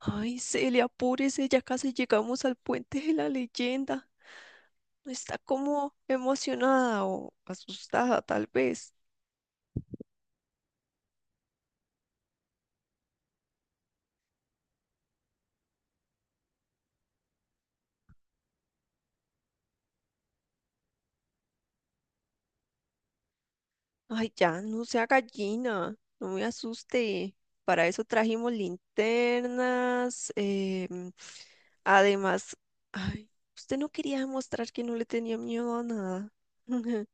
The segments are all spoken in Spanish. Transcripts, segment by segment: Ay, Celia, apúrese, ya casi llegamos al puente de la leyenda. Está como emocionada o asustada, tal vez. Ay, ya, no sea gallina, no me asuste. Para eso trajimos linternas. Además, ay, usted no quería demostrar que no le tenía miedo a nada.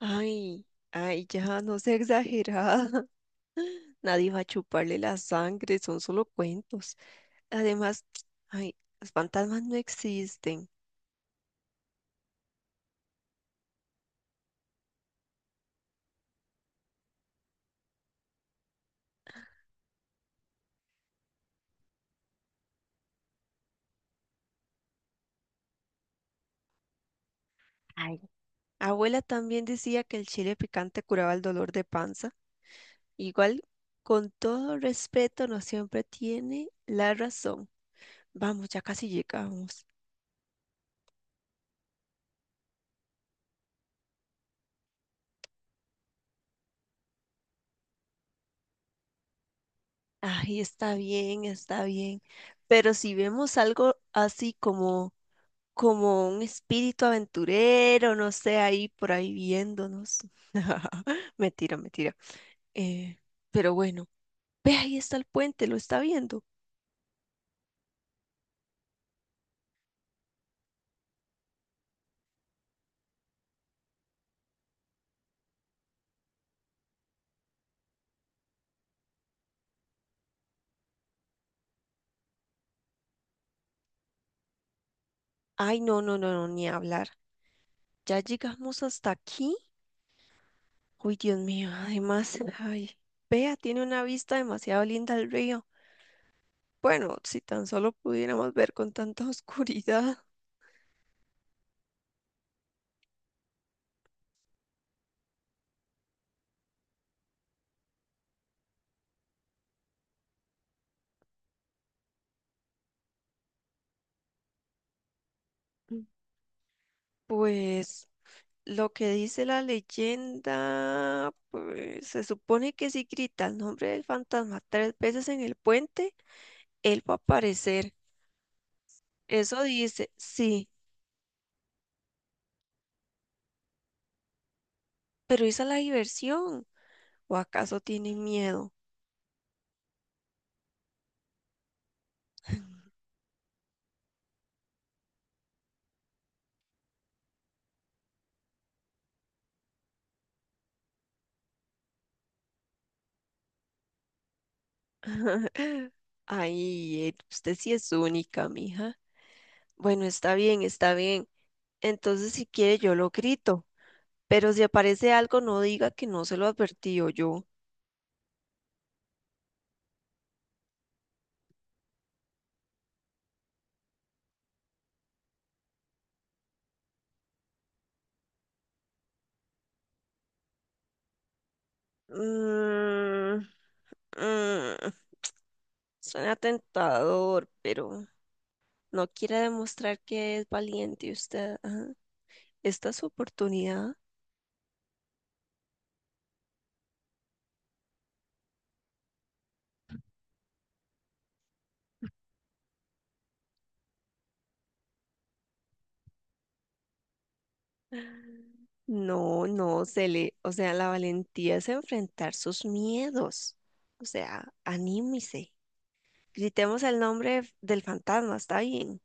Ay, ya, no sea exagerada. Nadie va a chuparle la sangre, son solo cuentos. Además, ay, los fantasmas no existen. Ay, abuela también decía que el chile picante curaba el dolor de panza. Igual, con todo respeto, no siempre tiene la razón. Vamos, ya casi llegamos. Ay, está bien, está bien. Pero si vemos algo así como, como un espíritu aventurero, no sé, ahí por ahí viéndonos. Mentira, mentira. Eh, pero bueno, ve, ahí está el puente, lo está viendo. Ay, no, no, no, no, ni hablar. Ya llegamos hasta aquí. Uy, Dios mío, además, vea, tiene una vista demasiado linda al río. Bueno, si tan solo pudiéramos ver con tanta oscuridad. Pues lo que dice la leyenda, pues se supone que si grita el nombre del fantasma 3 veces en el puente, él va a aparecer. Eso dice, sí, pero esa es la diversión. ¿O acaso tiene miedo? Ay, Ed, usted sí es única, mija. Bueno, está bien, está bien. Entonces, si quiere, yo lo grito. Pero si aparece algo, no diga que no se lo advertí o yo. Mm, mm, suena tentador, pero no quiere demostrar que es valiente usted. Ajá. Esta es su oportunidad. No, no, se le, o sea, la valentía es enfrentar sus miedos. O sea, anímese. Gritemos el nombre del fantasma, está bien.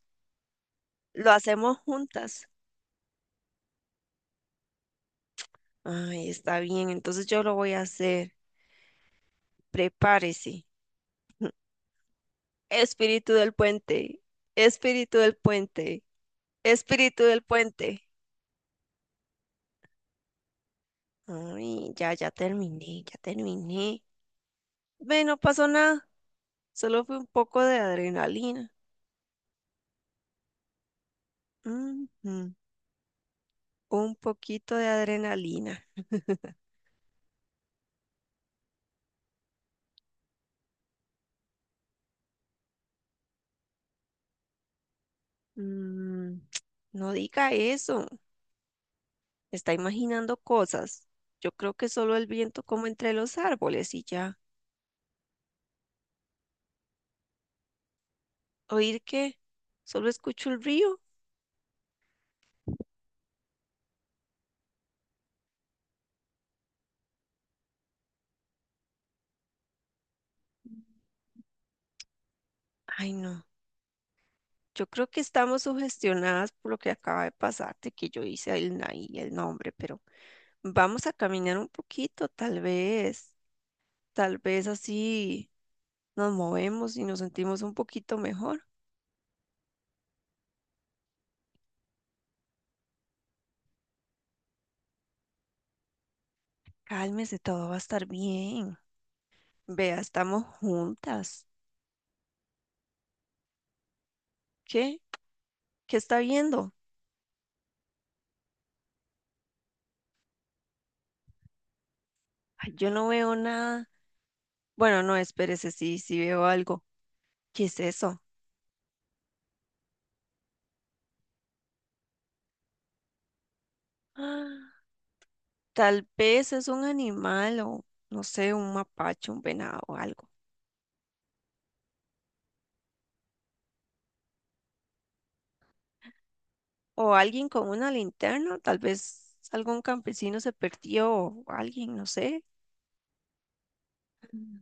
Lo hacemos juntas. Ay, está bien, entonces yo lo voy a hacer. Prepárese. Espíritu del puente, espíritu del puente, espíritu del puente. Ay, ya, ya terminé, ya terminé. Ve, no pasó nada, solo fue un poco de adrenalina. Ujú. Un poquito de adrenalina. Mm, no diga eso. Está imaginando cosas. Yo creo que solo el viento como entre los árboles y ya. ¿Oír qué? ¿Solo escucho el río? Ay, no. Yo creo que estamos sugestionadas por lo que acaba de pasarte, que yo hice el, y el nombre, pero vamos a caminar un poquito, tal vez. Tal vez así nos movemos y nos sentimos un poquito mejor. Cálmese, todo va a estar bien. Vea, estamos juntas. ¿Qué? ¿Qué está viendo? Ay, yo no veo nada. Bueno, no, espérese, sí, sí veo algo. ¿Qué es eso? Ah, tal vez es un animal o, no sé, un mapache, un venado o algo. O alguien con una linterna, tal vez algún campesino se perdió o alguien, no sé. Mm.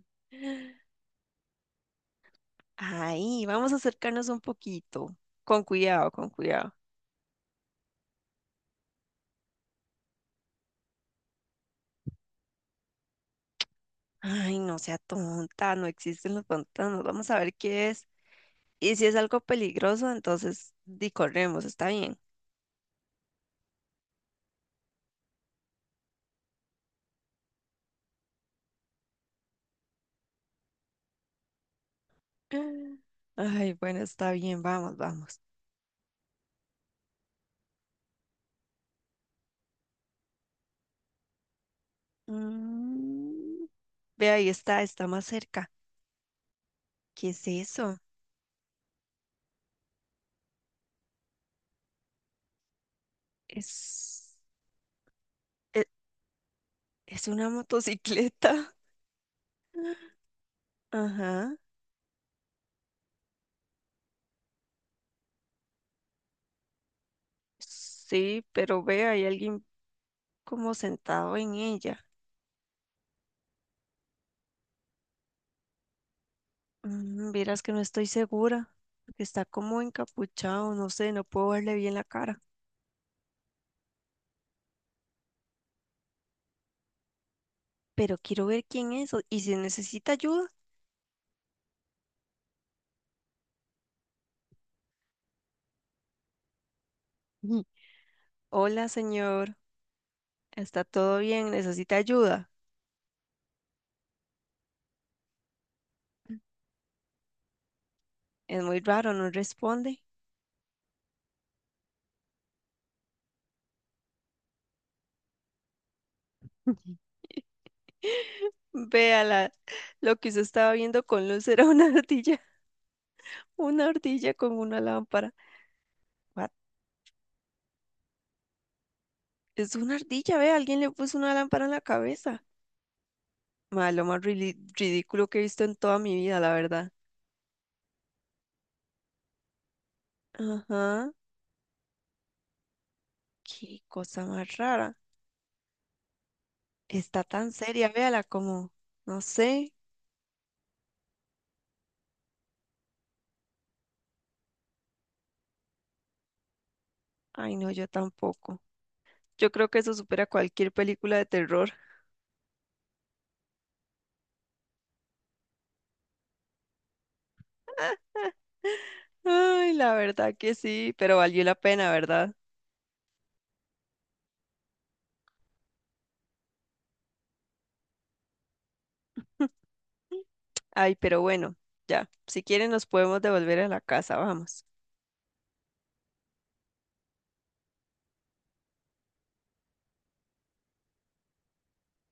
Ay, vamos a acercarnos un poquito. Con cuidado, con cuidado. Ay, no sea tonta, no existen los pantanos. Vamos a ver qué es. Y si es algo peligroso, entonces di corremos, está bien. Ay, bueno, está bien, vamos, vamos. Mm, ve, ahí está, está más cerca. ¿Qué es eso? Es, e- es una motocicleta. Ajá. Sí, pero ve, hay alguien como sentado en ella. Mm, vieras que no estoy segura, porque está como encapuchado, no sé, no puedo verle bien la cara. Pero quiero ver quién es y si necesita ayuda. Hola, señor. ¿Está todo bien? ¿Necesita ayuda? Es muy raro, no responde. Véala, lo que usted estaba viendo con luz era una ardilla, una ardilla con una lámpara. What? Es una ardilla, ve, alguien le puso una lámpara en la cabeza. Ma, lo más ridículo que he visto en toda mi vida, la verdad. Ajá, qué cosa más rara. Está tan seria, véala, como, no sé. Ay, no, yo tampoco. Yo creo que eso supera cualquier película de terror. Ay, la verdad que sí, pero valió la pena, ¿verdad? Ay, pero bueno, ya, si quieren nos podemos devolver a la casa, vamos.